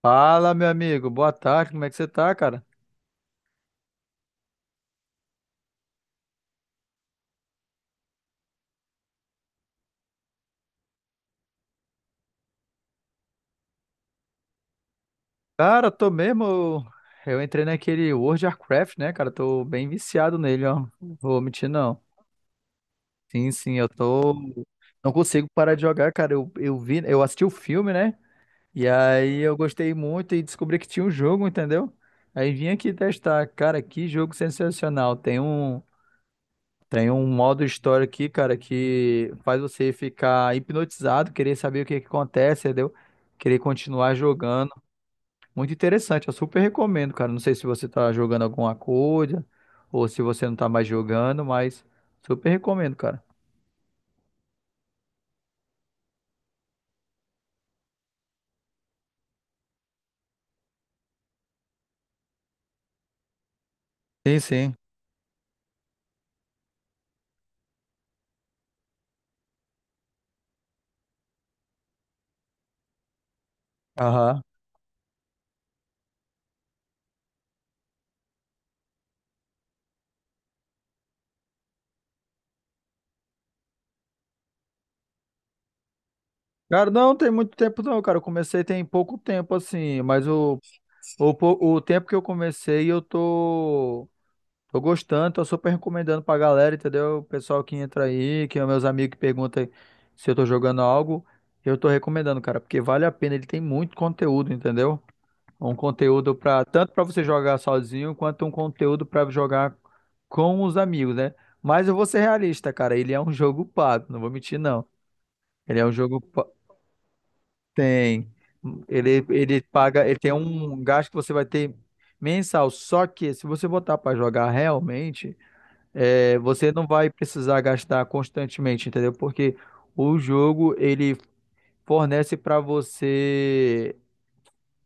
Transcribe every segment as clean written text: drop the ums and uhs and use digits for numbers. Fala, meu amigo. Boa tarde. Como é que você tá, cara? Cara, tô mesmo. Eu entrei naquele World of Warcraft, né, cara? Tô bem viciado nele, ó. Não vou mentir, não. Sim, sim, eu tô. Não consigo parar de jogar, cara. Eu assisti o filme, né? E aí eu gostei muito e descobri que tinha um jogo, entendeu? Aí vim aqui testar. Cara, que jogo sensacional. Tem um modo história aqui, cara, que faz você ficar hipnotizado, querer saber o que é que acontece, entendeu? Querer continuar jogando. Muito interessante, eu super recomendo, cara. Não sei se você tá jogando alguma coisa ou se você não tá mais jogando, mas super recomendo, cara. Sim, sim. Aham. Cara, não tem muito tempo não, cara. Eu comecei tem pouco tempo assim, o tempo que eu comecei tô gostando, tô super recomendando pra galera, entendeu? O pessoal que entra aí, que é meus amigos que perguntam se eu tô jogando algo, eu tô recomendando, cara, porque vale a pena, ele tem muito conteúdo, entendeu? Um conteúdo para tanto para você jogar sozinho quanto um conteúdo para jogar com os amigos, né? Mas eu vou ser realista, cara. Ele é um jogo pago, não vou mentir, não. Ele é um jogo pa- tem ele paga, ele tem um gasto que você vai ter mensal. Só que se você botar para jogar realmente, você não vai precisar gastar constantemente, entendeu? Porque o jogo ele fornece para você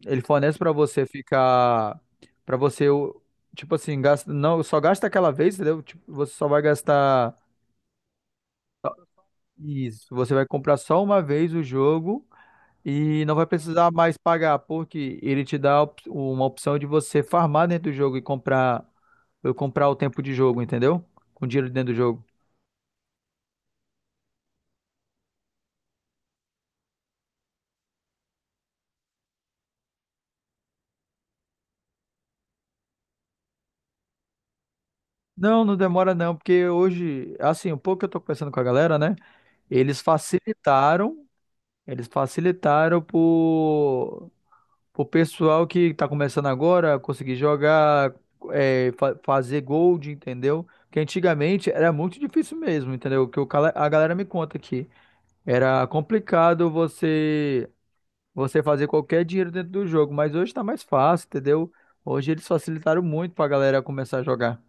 Ele fornece pra você ficar. Pra você, o- tipo assim, gasta, não, só gasta aquela vez, entendeu? Tipo, você só vai gastar isso, você vai comprar só uma vez o jogo e não vai precisar mais pagar, porque ele te dá uma opção de você farmar dentro do jogo e comprar, eu comprar o tempo de jogo, entendeu? Com dinheiro dentro do jogo. Não, não demora não, porque hoje, assim, um pouco que eu tô conversando com a galera, né? Eles facilitaram, eles facilitaram por O pessoal que tá começando agora, conseguir jogar, fazer gold, entendeu? Porque antigamente era muito difícil mesmo, entendeu? O Que o cala- A galera me conta aqui. Era complicado você fazer qualquer dinheiro dentro do jogo, mas hoje tá mais fácil, entendeu? Hoje eles facilitaram muito pra galera começar a jogar.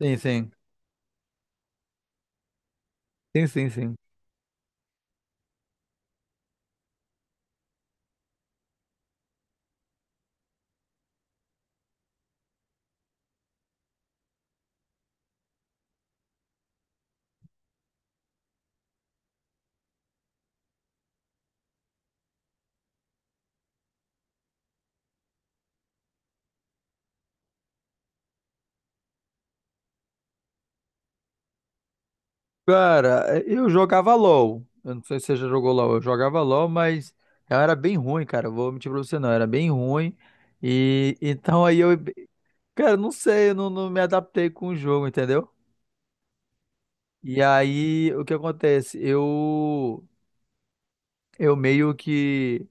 Sim, sim. Sim, sim, sim. Cara, eu jogava LOL. Eu não sei se você já jogou LOL. Eu jogava LOL, mas eu era bem ruim, cara. Vou mentir pra você, não. Eu era bem ruim. E então aí eu, cara, não sei, eu não, não me adaptei com o jogo, entendeu? E aí o que acontece? Eu meio que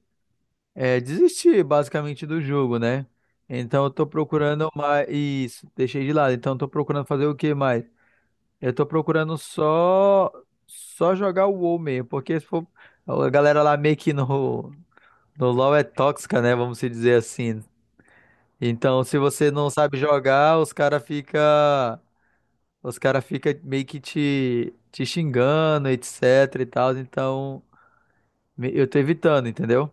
é, desisti basicamente do jogo, né? Então eu tô procurando mais. Isso, deixei de lado. Então eu tô procurando fazer o que mais? Eu tô procurando só jogar o WoW mesmo, porque se for, a galera lá meio que no LoL é tóxica, né? Vamos se dizer assim. Então, se você não sabe jogar, os cara fica meio que te xingando, etc e tal. Então, eu tô evitando, entendeu?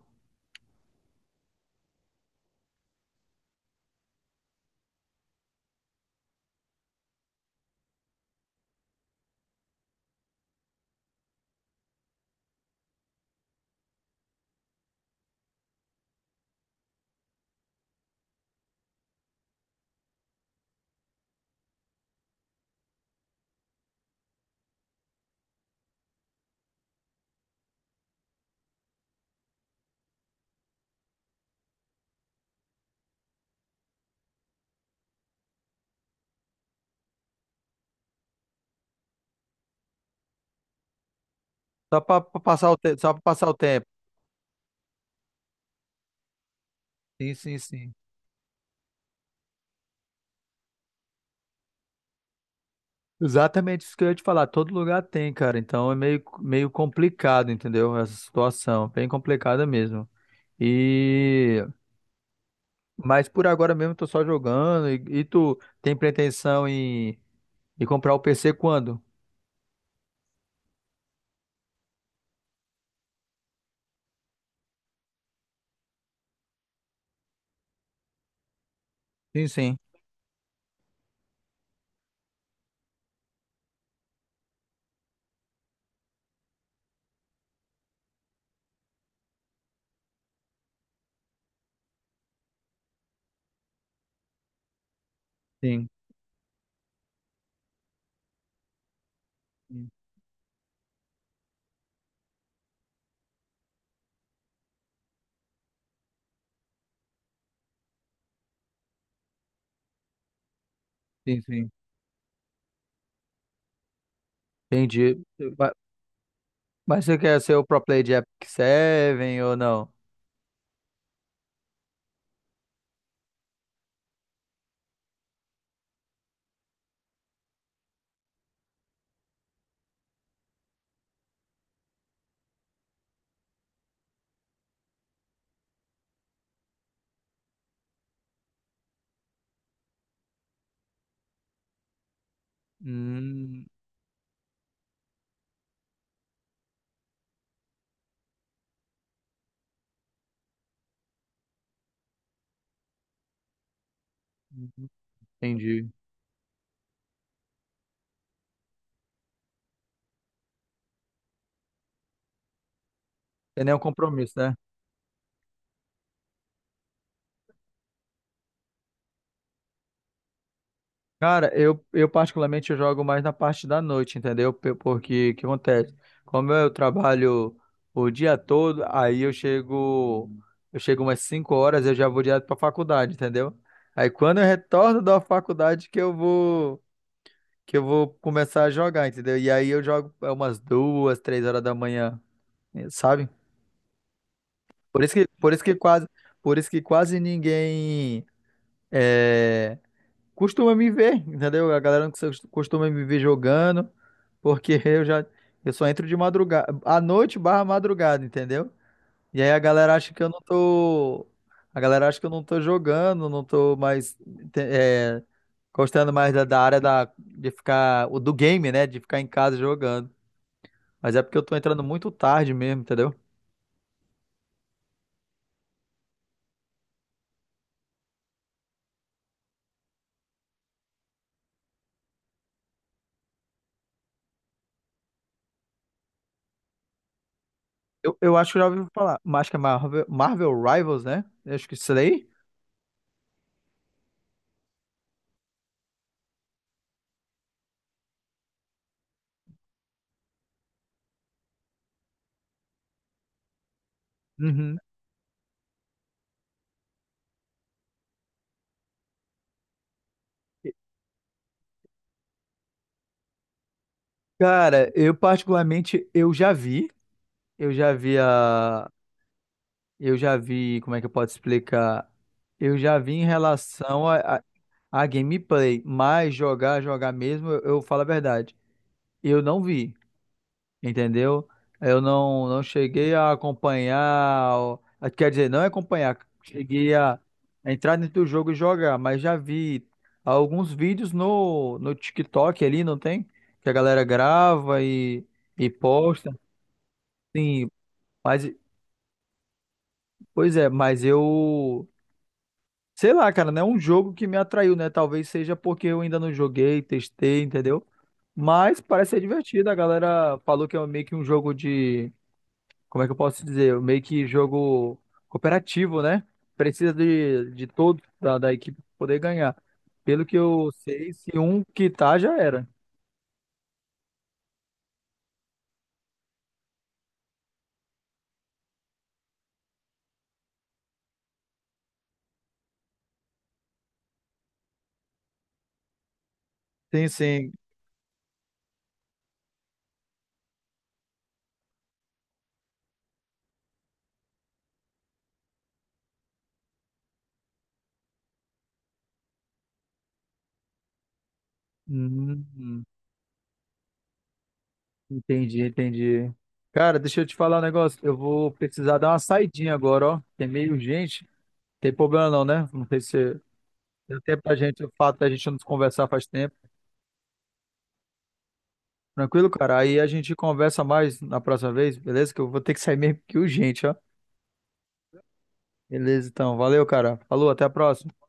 Só para passar o tempo, só para passar o tempo. Sim, sim, sim. Exatamente isso que eu ia te falar. Todo lugar tem, cara. Então é meio, meio complicado, entendeu? Essa situação, bem complicada mesmo. E mas por agora mesmo eu tô só jogando. Tu tem pretensão em comprar o PC quando? Sim, sim. Sim, sim, sim. Entendi. Mas, mas você quer ser o pro player de Epic 7 ou não? Hum, entendi. Tem nenhum compromisso, né? Cara, eu particularmente eu jogo mais na parte da noite, entendeu? Porque o que acontece? Como eu trabalho o dia todo, eu chego umas 5 horas, eu já vou direto pra faculdade, entendeu? Aí quando eu retorno da faculdade que eu vou começar a jogar, entendeu? E aí eu jogo umas 2, 3 horas da manhã, sabe? Por isso que, por isso que quase, por isso que quase ninguém eh, costuma me ver, entendeu? A galera não cos- costuma me ver jogando, porque eu só entro de madrugada, à noite barra madrugada, entendeu? E aí a galera acha que eu não tô, a galera acha que eu não tô jogando, não tô mais te- é, gostando mais da, da área da de ficar o do game, né, de ficar em casa jogando. Mas é porque eu tô entrando muito tarde mesmo, entendeu? Eu acho que eu já ouvi falar, mas acho que é Marvel Rivals, né? Eu acho que é isso daí. Uhum. Cara, eu já vi, eu já vi a, eu já vi, como é que eu posso explicar? Eu já vi em relação a gameplay, mas jogar, jogar mesmo, eu falo a verdade, eu não vi, entendeu? Eu não, não cheguei a acompanhar, ó, quer dizer, não é acompanhar, cheguei a entrar dentro do jogo e jogar, mas já vi alguns vídeos no TikTok ali, não tem? Que a galera grava e posta. Sim. Mas, pois é, mas eu. Sei lá, cara, não é um jogo que me atraiu, né? Talvez seja porque eu ainda não joguei, testei, entendeu? Mas parece ser divertido. A galera falou que é meio que um jogo de. Como é que eu posso dizer? Meio que jogo cooperativo, né? Precisa de todos da equipe pra poder ganhar. Pelo que eu sei, se um quitar, já era. Sim, sim. Hum. Hum. Entendi, entendi. Cara, deixa eu te falar um negócio. Eu vou precisar dar uma saidinha agora, ó. Tem meio gente. Tem problema não, né? Não sei se deu tempo pra gente, o fato da gente não se conversar faz tempo. Tranquilo, cara? Aí a gente conversa mais na próxima vez, beleza? Que eu vou ter que sair meio que urgente, ó. Beleza, então. Valeu, cara. Falou, até a próxima.